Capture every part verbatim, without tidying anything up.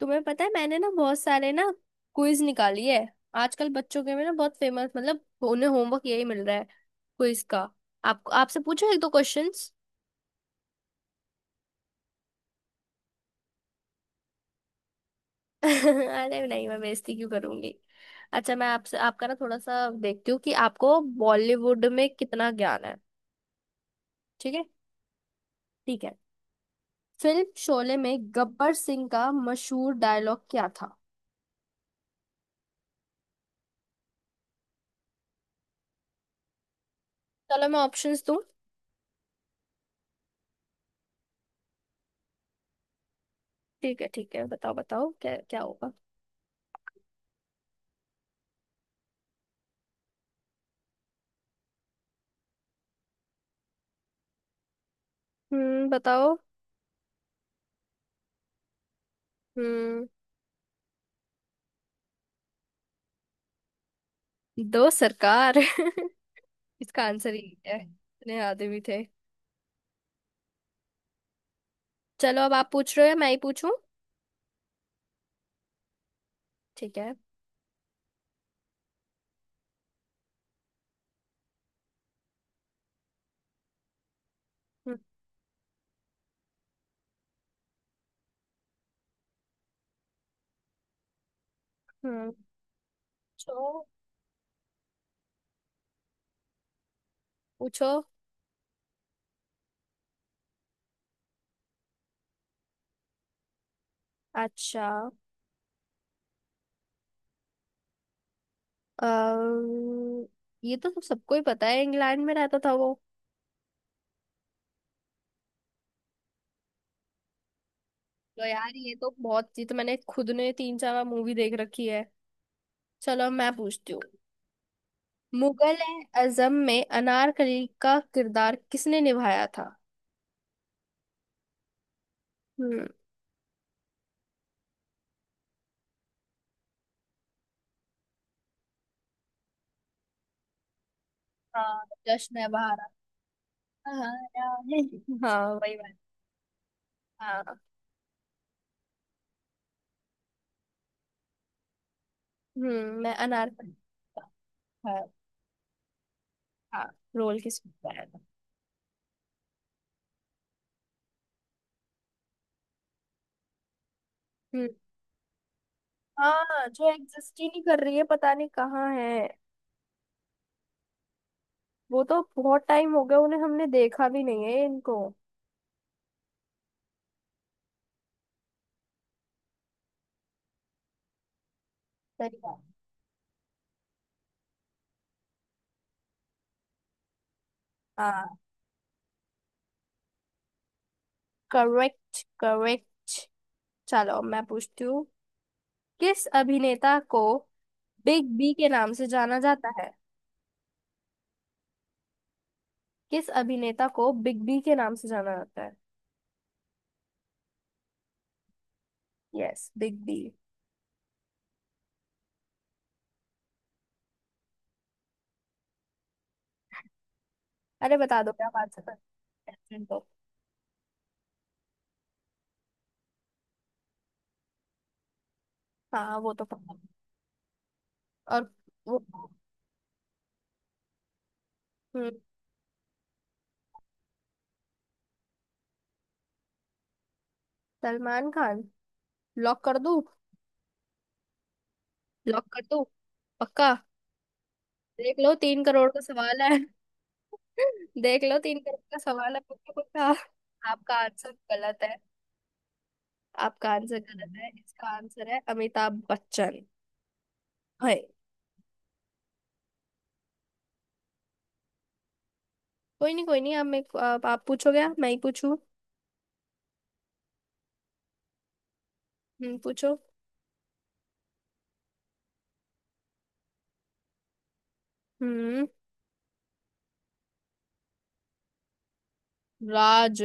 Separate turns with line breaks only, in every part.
तुम्हें पता है मैंने ना बहुत सारे ना क्विज निकाली है। आजकल बच्चों के में ना बहुत फेमस, मतलब उन्हें होमवर्क यही मिल रहा है, क्विज का। आपको आपसे पूछो एक दो क्वेश्चंस। अरे नहीं, मैं बेइज्जती क्यों करूंगी। अच्छा, मैं आपसे आपका ना थोड़ा सा देखती हूँ कि आपको बॉलीवुड में कितना ज्ञान है। ठीक है। ठीक है। फिल्म शोले में गब्बर सिंह का मशहूर डायलॉग क्या था? चलो मैं ऑप्शंस दूं। ठीक है ठीक है, बताओ बताओ, क्या क्या होगा? हम्म, बताओ। हम्म। दो सरकार। इसका आंसर ही है इतने आदमी थे। चलो, अब आप पूछ रहे हो या मैं ही पूछूं? ठीक है। हम्म। हम्म, पूछो। पूछो। अच्छा। अम्म, ये तो सबको ही पता है, इंग्लैंड में रहता था वो। तो यार ये तो बहुत, ये तो मैंने खुद ने तीन चार बार मूवी देख रखी है। चलो अब मैं पूछती हूँ। मुगल आजम में अनारकली का किरदार किसने निभाया था? हम्म। हाँ, जश्न है बहारा। हाँ। हाँ, वही बात। हाँ। हम्म, मैं अनारकली। है। हाँ। रोल किस पे? हम्म, हाँ, जो एग्जिस्ट ही नहीं कर रही है, पता नहीं कहाँ है। वो तो बहुत टाइम हो गया, उन्हें हमने देखा भी नहीं है, इनको। सही बात। हाँ करेक्ट करेक्ट। चलो मैं पूछती हूँ। किस अभिनेता को बिग बी के नाम से जाना जाता है? किस अभिनेता को बिग बी के नाम से जाना जाता है? Yes, Big B. अरे बता दो, क्या बात है तो। हाँ वो तो पता है। और वो। हम्म। सलमान खान। लॉक कर दूं? लॉक कर दो। पक्का। देख लो, तीन करोड़ का सवाल है। देख लो, तीन करोड़ का सवाल है। पक्का पक्का। आपका आंसर गलत है। आपका आंसर गलत है, इसका आंसर है अमिताभ बच्चन। है। कोई नहीं कोई नहीं, आप मेरे को- आप, आप पूछोगे या मैं ही पूछूं? हम्म, पूछो। हम्म, राज।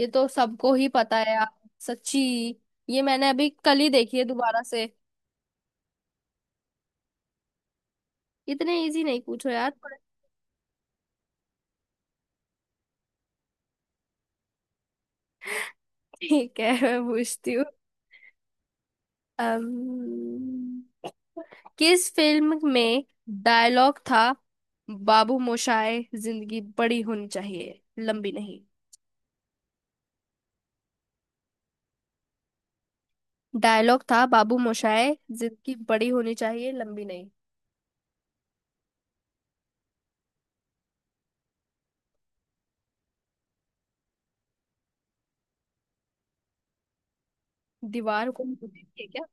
ये तो सबको ही पता है यार। सच्ची। ये मैंने अभी कल ही देखी है दोबारा से। इतने इजी नहीं पूछो यार पर। ठीक है। मैं पूछती हूँ। अम्म, किस फिल्म में डायलॉग था बाबू मोशाय, जिंदगी बड़ी होनी चाहिए, लंबी नहीं? डायलॉग था बाबू मोशाय, जिंदगी बड़ी होनी चाहिए, लंबी नहीं। दीवार को देखिए क्या?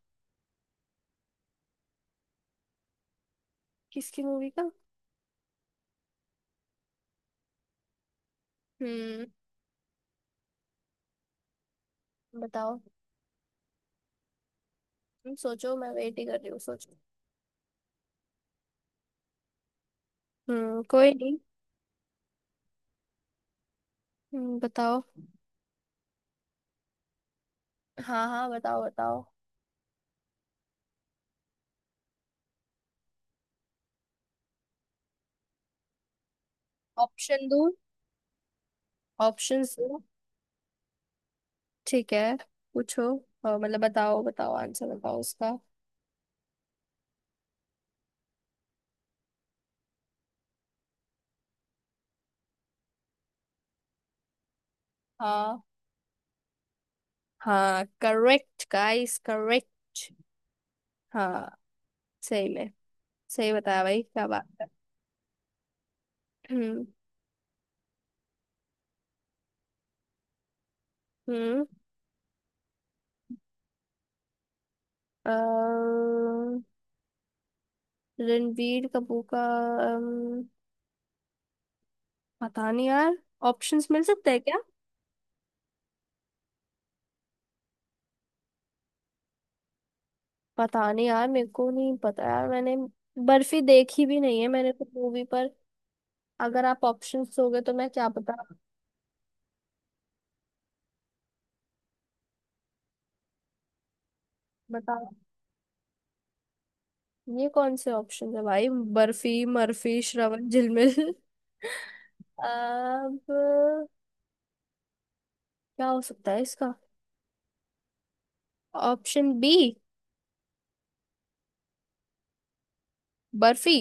किसकी मूवी का? हम्म, बताओ। तुम सोचो, मैं वेट ही कर रही हूँ, सोचो। हम्म, कोई नहीं। हम्म, बताओ। हाँ हाँ, बताओ बताओ। ऑप्शन दो। ऑप्शन दो। ठीक है। पूछो। और मतलब बताओ बताओ, आंसर बताओ उसका। हाँ। हाँ करेक्ट गाइस, करेक्ट। हाँ, सही में। सही बताया भाई, क्या बात है। हम्म। हम्म। अ, रणबीर कपूर का। अम, पता नहीं यार। ऑप्शंस मिल सकते हैं क्या? पता नहीं यार, मेरे को नहीं पता यार, मैंने बर्फी देखी भी नहीं है मैंने तो मूवी, पर अगर आप ऑप्शंस दोगे तो मैं क्या बता। बता। ये कौन से ऑप्शन है भाई? बर्फी, मर्फी, श्रवण, झिलमिल। अब क्या। हो सकता है इसका ऑप्शन बी, बर्फी।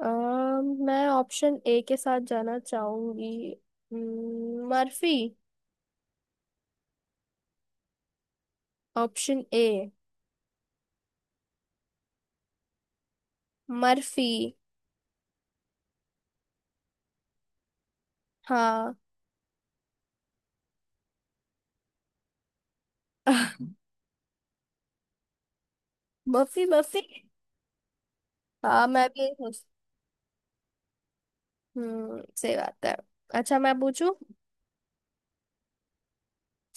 अ, मैं ऑप्शन ए के साथ जाना चाहूंगी। हम्म, मर्फी। Option A, Murphy. हाँ। Murphy, Murphy. हाँ, मैं भी यही सोच- हम्म, सही बात है। अच्छा मैं पूछूं?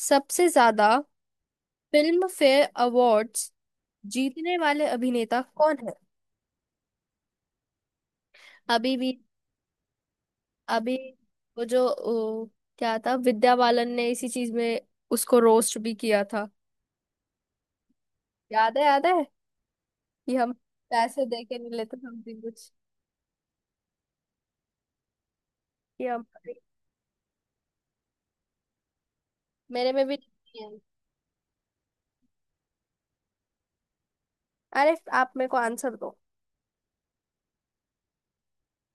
सबसे ज्यादा फिल्म फेयर अवार्ड्स जीतने वाले अभिनेता कौन है? अभी भी। अभी। वो जो ओ, क्या था, विद्या बालन ने इसी चीज में उसको रोस्ट भी किया था। याद है याद है। कि हम पैसे दे के नहीं लेते समथिंग कुछ। कि हम मेरे में भी नहीं है। अरे आप मेरे को आंसर दो।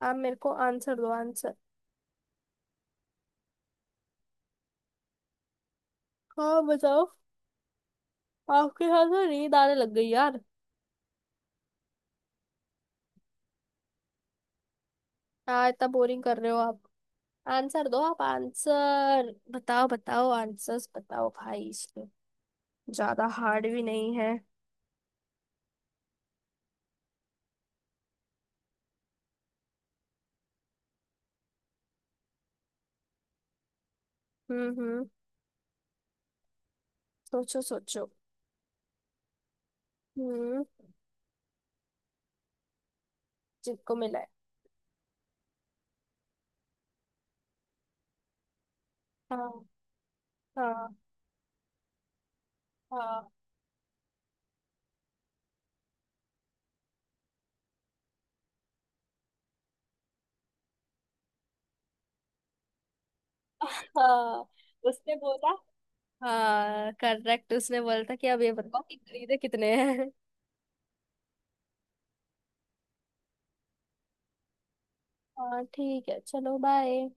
आप मेरे को आंसर दो, आंसर। हाँ, बताओ। आपके साथ तो नींद आने लग गई यार। हाँ, इतना बोरिंग कर रहे हो आप। आंसर दो आप, आंसर बताओ, बताओ आंसर्स बताओ भाई, इसमें ज्यादा हार्ड भी नहीं है। हम्म हम्म, सोचो सोचो। हम्म, जिनको मिला है। हाँ हाँ हाँ। हाँ, उसने बोला। हाँ करेक्ट, उसने बोला था कि अब ये बताओ कि खरीदे कितने हैं। हाँ ठीक है, चलो बाय।